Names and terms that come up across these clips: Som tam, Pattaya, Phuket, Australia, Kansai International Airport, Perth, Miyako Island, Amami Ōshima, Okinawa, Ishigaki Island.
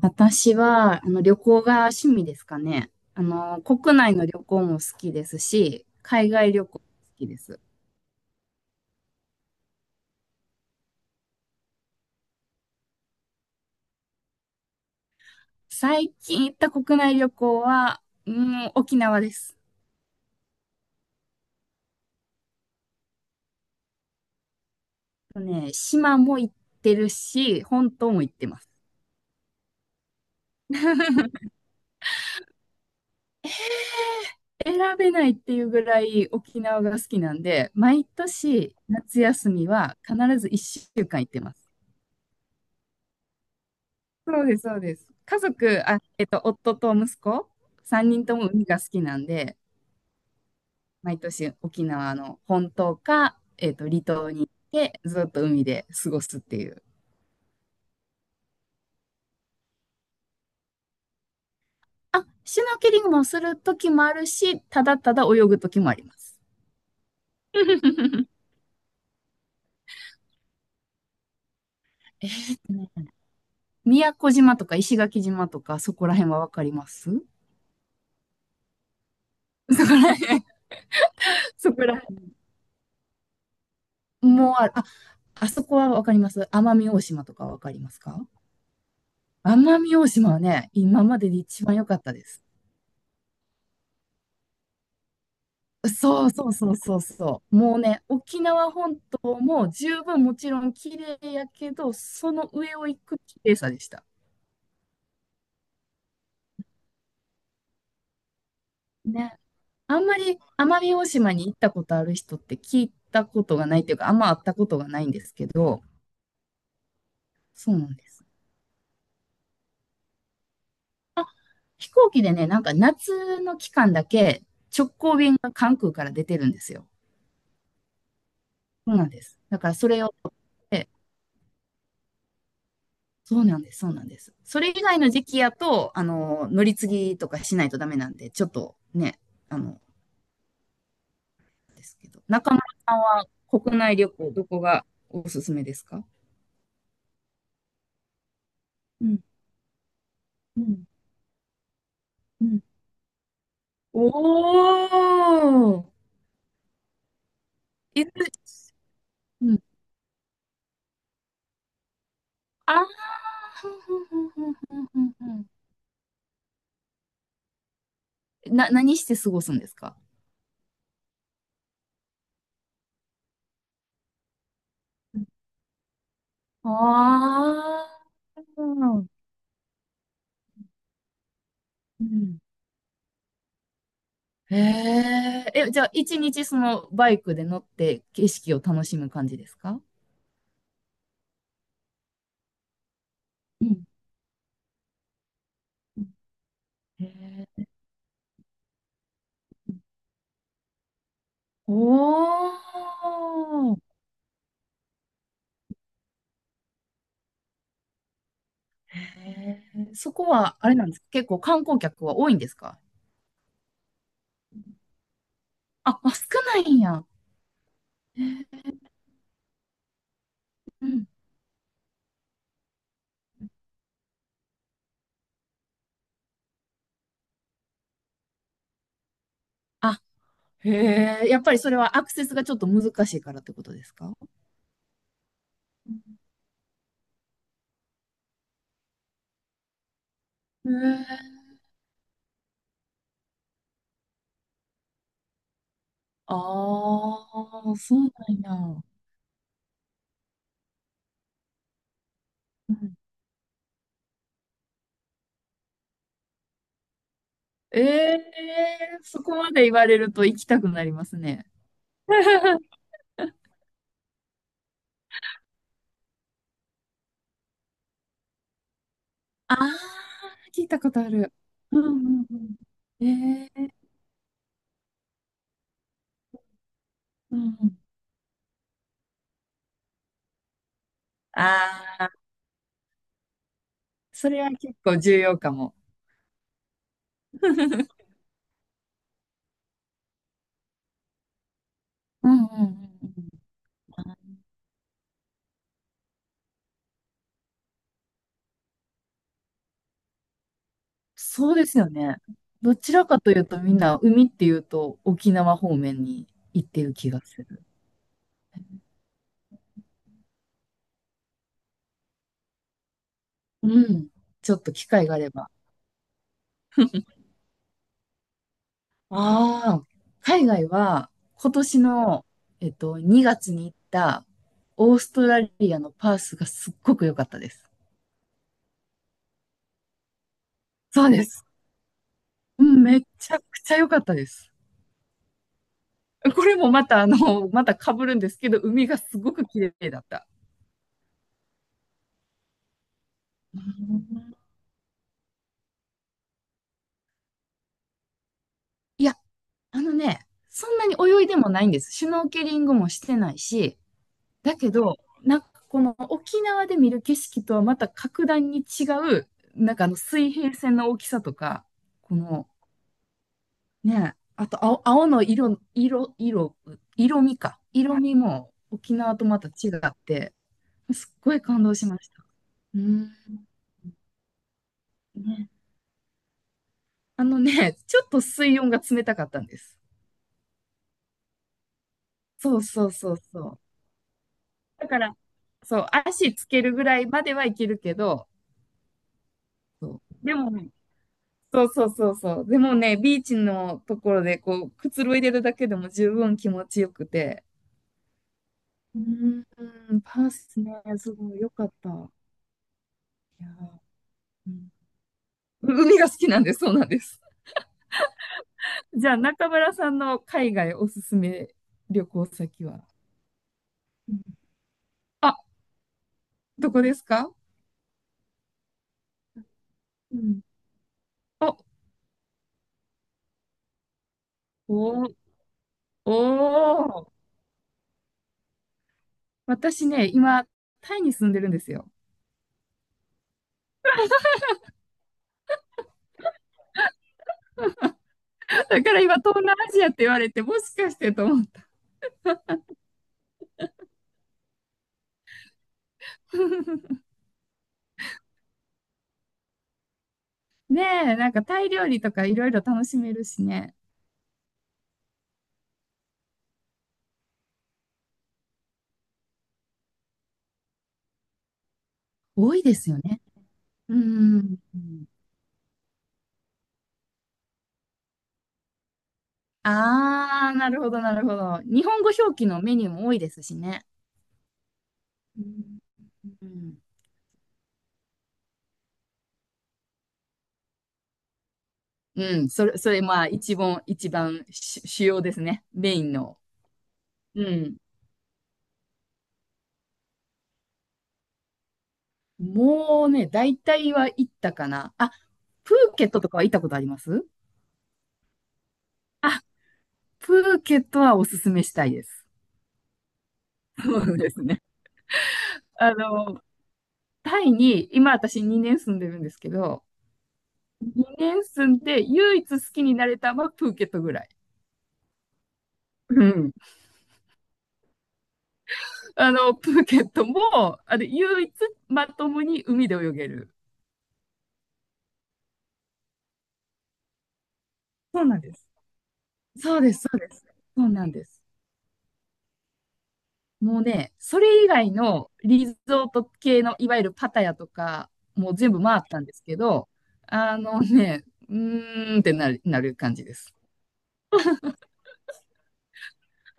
私は、旅行が趣味ですかね。国内の旅行も好きですし、海外旅行も好きです。最近行った国内旅行は、うん、沖縄です。とね、島も行ってるし、本島も行ってます。選べないっていうぐらい沖縄が好きなんで、毎年夏休みは必ず1週間行ってます。そうです、そうです。家族、夫と息子、3人とも海が好きなんで、毎年沖縄の本島か、離島に行ってずっと海で過ごすっていう。あ、シュノーケリングもする時もあるし、ただただ泳ぐ時もあります。えーっとね、宮古島とか石垣島とかそこら辺はわかります。そこら辺、そこら辺。もうああ、あそこはわかります。奄美大島とかわかりますか？奄美大島はね、今までで一番良かったです。そうそうそうそうそう。もうね、沖縄本島も十分もちろん綺麗やけど、その上を行く綺麗さでした。ね。あんまり奄美大島に行ったことある人って聞いたことがないっていうか、あんま会ったことがないんですけど、そうなんです。あ、飛行機でね、なんか夏の期間だけ直行便が関空から出てるんですよ。そうなんです。だからそれを、そうなんです、そうなんです。それ以外の時期やと、乗り継ぎとかしないとダメなんで、ちょっとね、あの、ですけど。中村さんは国内旅行、どこがおすすめですか？うん、うん、うん。おー、いず、うん。あー、ふんふんふんふんふんふんふん。何して過ごすんですか？ああー、うん。へえ、え、じゃあ、一日そのバイクで乗って景色を楽しむ感じですか？うん。へえ。おー。へえ。そこは、あれなんですか？結構観光客は多いんですか？あ、あ、少ないんや。へえ。うん。あ、へえ。やっぱりそれはアクセスがちょっと難しいからってことですか？へえ。ああ、そうなんや。うん。ええ、そこまで言われると行きたくなりますね。ああ、聞いたことある。うんうんうん。ええ。うんうん。ああ、それは結構重要かも。うんうんうんうん。そうですよね。どちらかというとみんな海っていうと沖縄方面に行ってる気がする。うん。ちょっと機会があれば。ああ、海外は今年の、2月に行ったオーストラリアのパースがすっごく良かったです。そうです。うん、めちゃくちゃ良かったです。これもまたまた被るんですけど、海がすごく綺麗だった。うーん。いや、あのね、そんなに泳いでもないんです。シュノーケリングもしてないし、だけど、なんかこの沖縄で見る景色とはまた格段に違う、なんかあの水平線の大きさとか、このね、あと青の色、味か。色味も沖縄とまた違って、すっごい感動しました。うーん。ね。あのね、ちょっと水温が冷たかったんです。そうそうそうそう。だから、そう、足つけるぐらいまではいけるけど、そう。でもね、そうそうそうそう。でもね、ビーチのところでこう、くつろいでるだけでも十分気持ちよくて。うーん、パースね、すごい良かった。いやー、うん、海が好きなんで、そうなんです。じゃあ、中村さんの海外おすすめ旅行先は？うん。あ、どこですか？うん。お、おー、おー。私ね、今、タイに住んでるんですよ。だから今、東南アジアって言われて、もしかしてと思った。ねえ、なんかタイ料理とかいろいろ楽しめるしね。多いですよね。うん。あー、なるほど、なるほど。日本語表記のメニューも多いですしね。うん、うんうん。それ、まあ、一番主要ですね。メインの。うん。もうね、大体は行ったかな。あ、プーケットとかは行ったことあります？あ、プーケットはおすすめしたいです。そうですね。あの、タイに、今私2年住んでるんですけど、2年住んで唯一好きになれたのはプーケットぐらい。うん。プーケットも、唯一まともに海で泳げる。そうなんです。そうです、そうです。そうなんです。もうね、それ以外のリゾート系の、いわゆるパタヤとか、もう全部回ったんですけど、あのね、うーんってなる、感じです。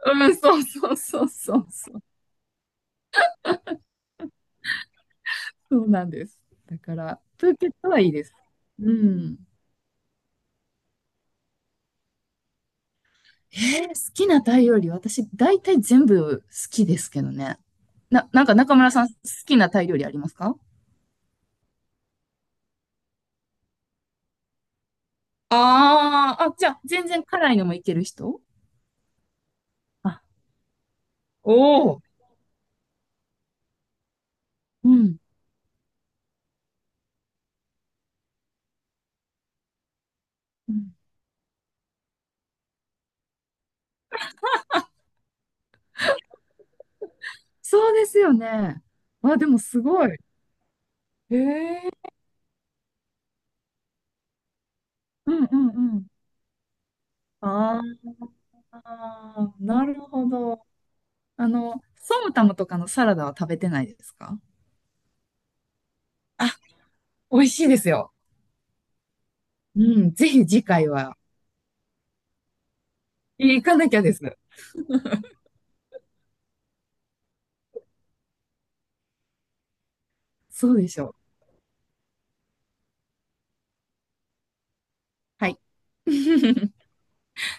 うん、そうそうそうそうそう。そうなんです。だから、プーケットはいいです。うん。好きなタイ料理、私、大体全部好きですけどね。なんか中村さん、好きなタイ料理ありますか？あーあ、じゃあ、全然辛いのもいける人？あ、おお。うん。うん。そうですよね。あ、でもすごい。へえ。うんうんうん。ああ、なるほど。ソムタムとかのサラダは食べてないですか？あ、美味しいですよ。うん、ぜひ次回は行かなきゃです。そうでしょう。はい。